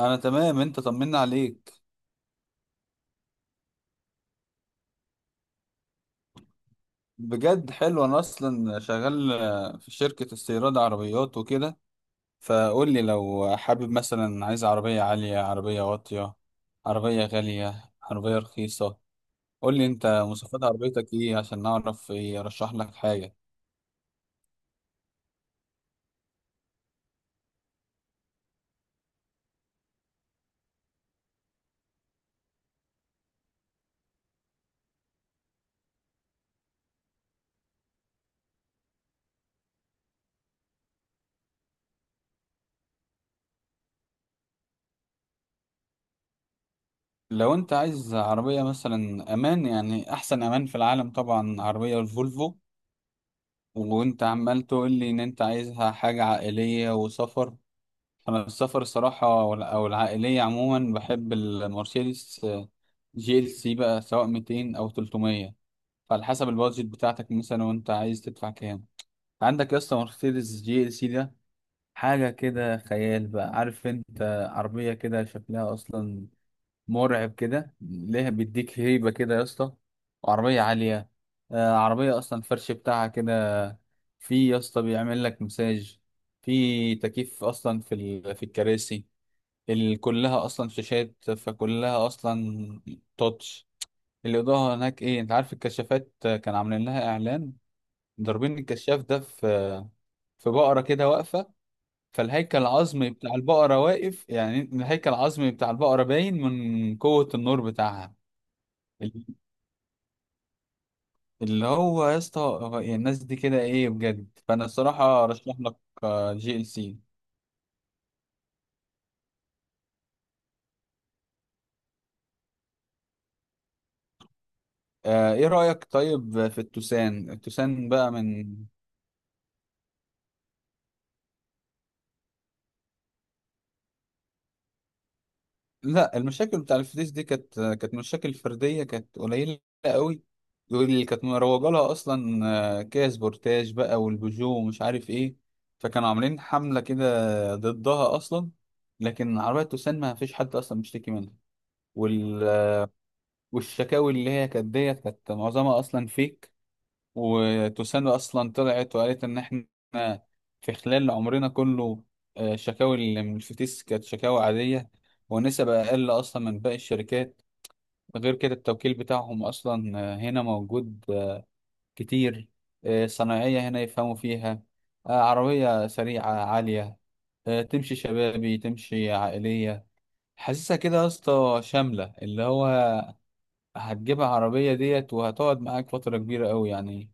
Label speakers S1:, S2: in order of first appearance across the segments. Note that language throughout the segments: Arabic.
S1: انا تمام، انت طمنا عليك. بجد حلو. انا اصلا شغال في شركة استيراد عربيات وكده. فقول لي لو حابب، مثلا عايز عربية عالية، عربية واطية، عربية غالية، عربية رخيصة. قول لي انت مواصفات عربيتك ايه عشان نعرف ايه ارشح لك حاجة. لو انت عايز عربية مثلا امان، يعني احسن امان في العالم طبعا عربية الفولفو. وانت عمال تقول لي ان انت عايزها حاجة عائلية وسفر. انا السفر الصراحه او العائليه عموما بحب المرسيدس جي ال سي بقى، سواء 200 او 300. فعلى حسب البادجت بتاعتك مثلا، وانت عايز تدفع كام؟ عندك يا اسطى مرسيدس جي ال سي ده حاجه كده خيال بقى، عارف انت. عربيه كده شكلها اصلا مرعب كده، ليها بيديك هيبه كده يا اسطى. وعربيه عاليه. عربيه اصلا الفرش بتاعها كده، في يا اسطى بيعمل لك مساج. في تكييف اصلا في الكراسي. كلها اصلا شاشات، فكلها اصلا تاتش. الاضاءه هناك ايه، انت عارف الكشافات كان عاملين لها اعلان، ضاربين الكشاف ده في بقره كده واقفه، فالهيكل العظمي بتاع البقره واقف، يعني الهيكل العظمي بتاع البقره باين من قوه النور بتاعها. ال- اللي هو يا اسطى، هو إيه الناس دي كده ايه بجد؟ فانا الصراحه ارشح لك جي ال سي. ايه رايك طيب في التوسان بقى من؟ لا، المشاكل بتاع الفلوس دي كانت مشاكل فردية، كانت قليلة قوي. واللي كانت مروجة لها أصلا كيا سبورتاج بقى والبيجو ومش عارف إيه. فكانوا عاملين حملة كده ضدها أصلا. لكن عربية توسان ما فيش حد أصلا بيشتكي منها وال... والشكاوي اللي هي كانت ديت كانت معظمها أصلا فيك. وتوسانو اصلا طلعت وقالت ان احنا في خلال عمرنا كله، الشكاوي اللي من الفتيس كانت شكاوي عاديه، ونسب اقل اصلا من باقي الشركات. غير كده التوكيل بتاعهم اصلا هنا موجود كتير. صناعيه هنا يفهموا فيها. عربيه سريعه عاليه. تمشي شبابي تمشي عائليه. حاسسها كده يا اسطى شامله، اللي هو هتجيب عربية ديت وهتقعد معاك فترة كبيرة أوي يعني.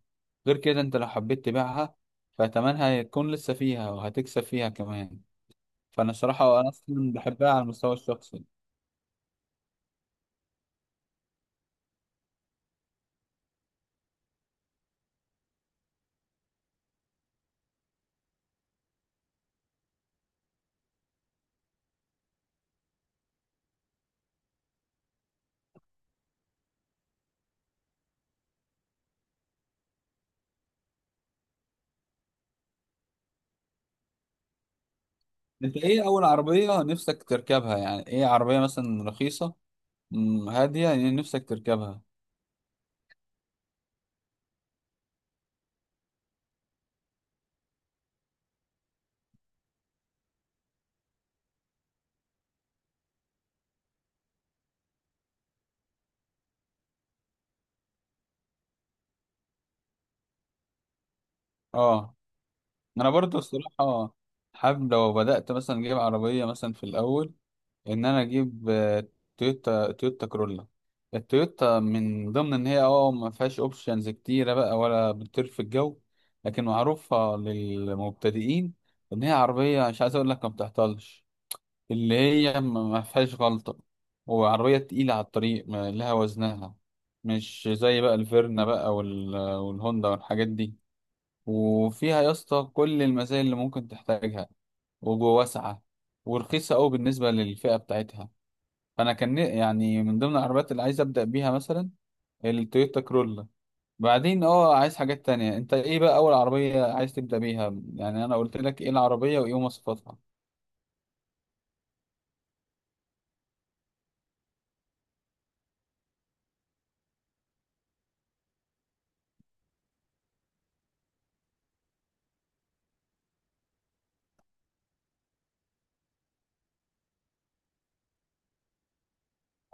S1: غير كده أنت لو حبيت تبيعها فتمنها هيكون لسه فيها وهتكسب فيها كمان. فأنا الصراحة أنا أصلا بحبها على المستوى الشخصي. أنت إيه أول عربية نفسك تركبها؟ يعني إيه عربية مثلا رخيصة، هادية، يعني نفسك تركبها؟ أه. أنا برضو الصراحة حابب لو بدأت مثلا أجيب عربية مثلا في الأول، ان انا اجيب تويوتا كرولا. التويوتا من ضمن ان هي ما فيهاش اوبشنز كتيره بقى، ولا بتطير في الجو. لكن معروفه للمبتدئين، ان هي عربيه، مش عايز اقول لك ما بتعطلش، اللي هي ما فيهاش غلطه. وعربيه تقيله على الطريق، لها وزنها. مش زي بقى الفيرنا بقى والهوندا والحاجات دي. وفيها يا اسطى كل المزايا اللي ممكن تحتاجها، وجوه واسعه، ورخيصه قوي بالنسبه للفئه بتاعتها. فانا كان يعني من ضمن العربيات اللي عايز ابدا بيها مثلا التويوتا كرولا. بعدين عايز حاجات تانية، انت ايه بقى اول عربية عايز تبدا بيها؟ يعني انا قلت لك ايه العربية وايه مواصفاتها.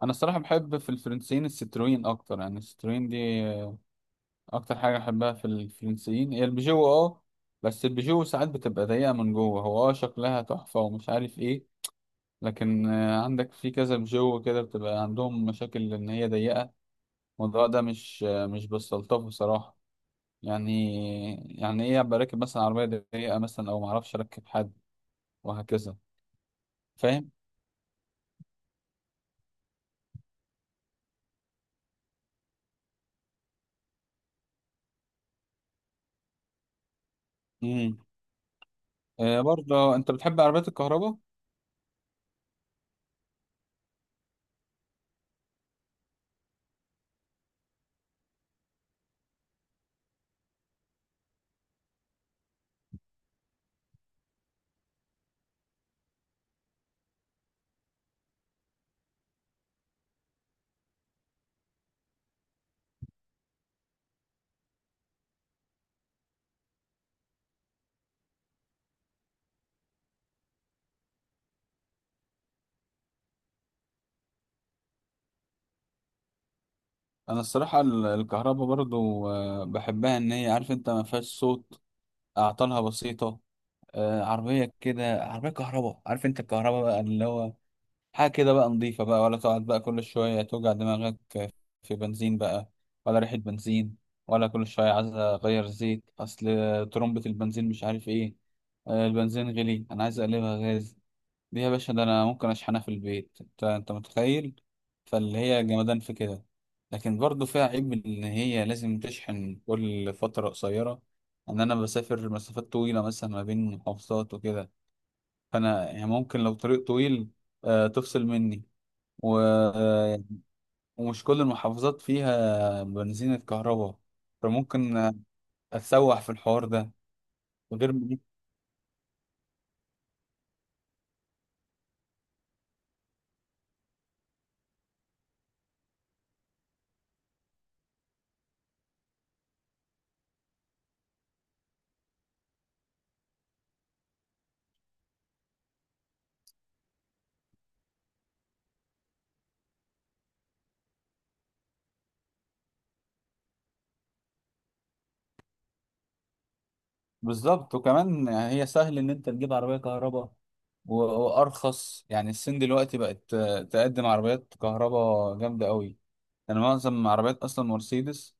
S1: انا الصراحة بحب في الفرنسيين الستروين اكتر، يعني الستروين دي اكتر حاجة بحبها في الفرنسيين هي البيجو اه بس البيجو ساعات بتبقى ضيقة من جوه، هو شكلها تحفة ومش عارف ايه. لكن عندك في كذا بيجو كده بتبقى عندهم مشاكل ان هي ضيقة. الموضوع ده مش بستلطفه صراحة. يعني يعني ايه ابقى راكب مثلا عربيه ضيقه مثلا، او ما اعرفش اركب حد، وهكذا. فاهم. امم برضه انت بتحب عربيات الكهرباء؟ انا الصراحه الكهرباء برضه، بحبها ان هي عارف انت ما فيهاش صوت. اعطالها بسيطه. عربيه كده عربيه كهرباء، عارف انت الكهرباء بقى اللي هو حاجه كده بقى نظيفه بقى، ولا تقعد بقى كل شويه توجع دماغك. في بنزين بقى، ولا ريحة بنزين، ولا كل شوية عايز أغير زيت أصل ترمبة البنزين مش عارف إيه. البنزين غلي أنا عايز أقلبها غاز. دي يا باشا ده أنا ممكن أشحنها في البيت، أنت متخيل؟ فاللي هي جمدان في كده. لكن برضه فيها عيب إن هي لازم تشحن كل فترة قصيرة، إن أنا بسافر مسافات طويلة مثلا ما بين محافظات وكده. فأنا يعني ممكن لو طريق طويل تفصل مني ويعني ومش كل المحافظات فيها بنزينة كهرباء. فممكن اتسوح في الحوار ده. غير من- بالظبط. وكمان هي سهل ان انت تجيب عربية كهرباء وارخص. يعني الصين دلوقتي بقت تقدم عربيات كهرباء جامدة قوي. يعني معظم عربيات اصلا مرسيدس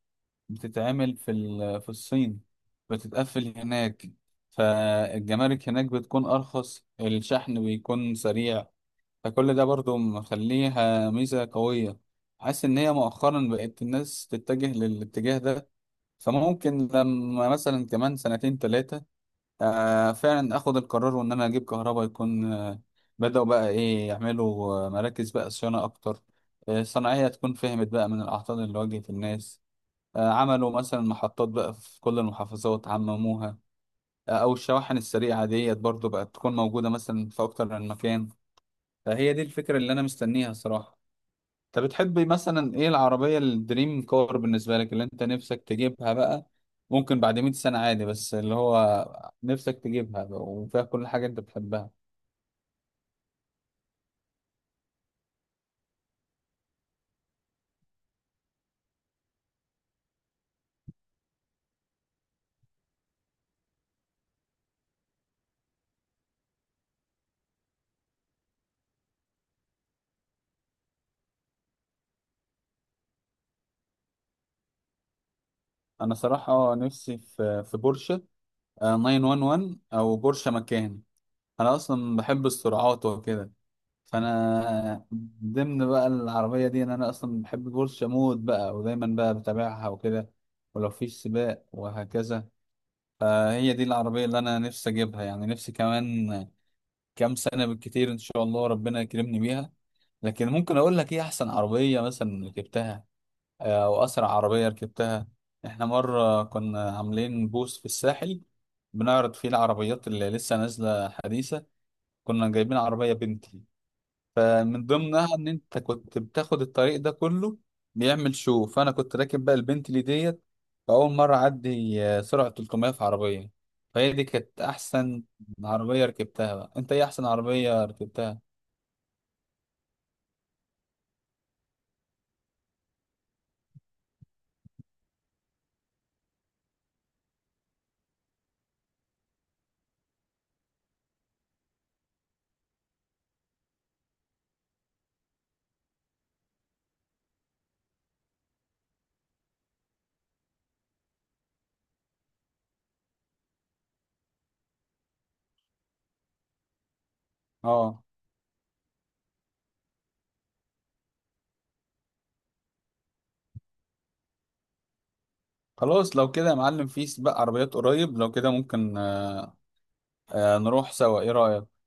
S1: بتتعمل في الصين، بتتقفل هناك. فالجمارك هناك بتكون ارخص، الشحن بيكون سريع. فكل ده برضو مخليها ميزة قوية. حاسس إن هي مؤخرا بقت الناس تتجه للاتجاه ده. فممكن لما مثلا كمان سنتين تلاتة فعلا آخد القرار وإن أنا أجيب كهرباء، يكون بدأوا بقى إيه يعملوا مراكز بقى صيانة أكتر. الصناعية تكون فهمت بقى من الأعطال اللي واجهت الناس. عملوا مثلا محطات بقى في كل المحافظات عمموها. أو الشواحن السريعة ديت برضو بقت تكون موجودة مثلا في أكتر من مكان. فهي دي الفكرة اللي أنا مستنيها صراحة. انت بتحب مثلا ايه العربية الدريم كار بالنسبة لك، اللي انت نفسك تجيبها بقى، ممكن بعد 100 سنة عادي، بس اللي هو نفسك تجيبها بقى وفيها كل حاجة انت بتحبها؟ انا صراحة نفسي في بورشة، 911 او بورشة مكان. انا اصلا بحب السرعات وكده، فانا ضمن بقى العربية دي ان انا اصلا بحب بورشة مود بقى ودايما بقى بتابعها وكده، ولو فيش سباق وهكذا. فهي دي العربية اللي أنا نفسي أجيبها، يعني نفسي كمان كام سنة بالكتير إن شاء الله ربنا يكرمني بيها. لكن ممكن أقول لك إيه أحسن عربية مثلا ركبتها، أو أسرع عربية ركبتها. إحنا مرة كنا عاملين بوث في الساحل، بنعرض فيه العربيات اللي لسه نازلة حديثة. كنا جايبين عربية بنتلي. فمن ضمنها ان انت كنت بتاخد الطريق ده كله، بيعمل شو. فانا كنت راكب بقى البنتلي ديت، فاول مره اعدي سرعه 300 في عربيه. فهي دي كانت احسن عربيه ركبتها بقى. انت ايه احسن عربيه ركبتها؟ اه. خلاص لو كده يا معلم، في سباق عربيات قريب لو كده ممكن نروح سوا، ايه رايك؟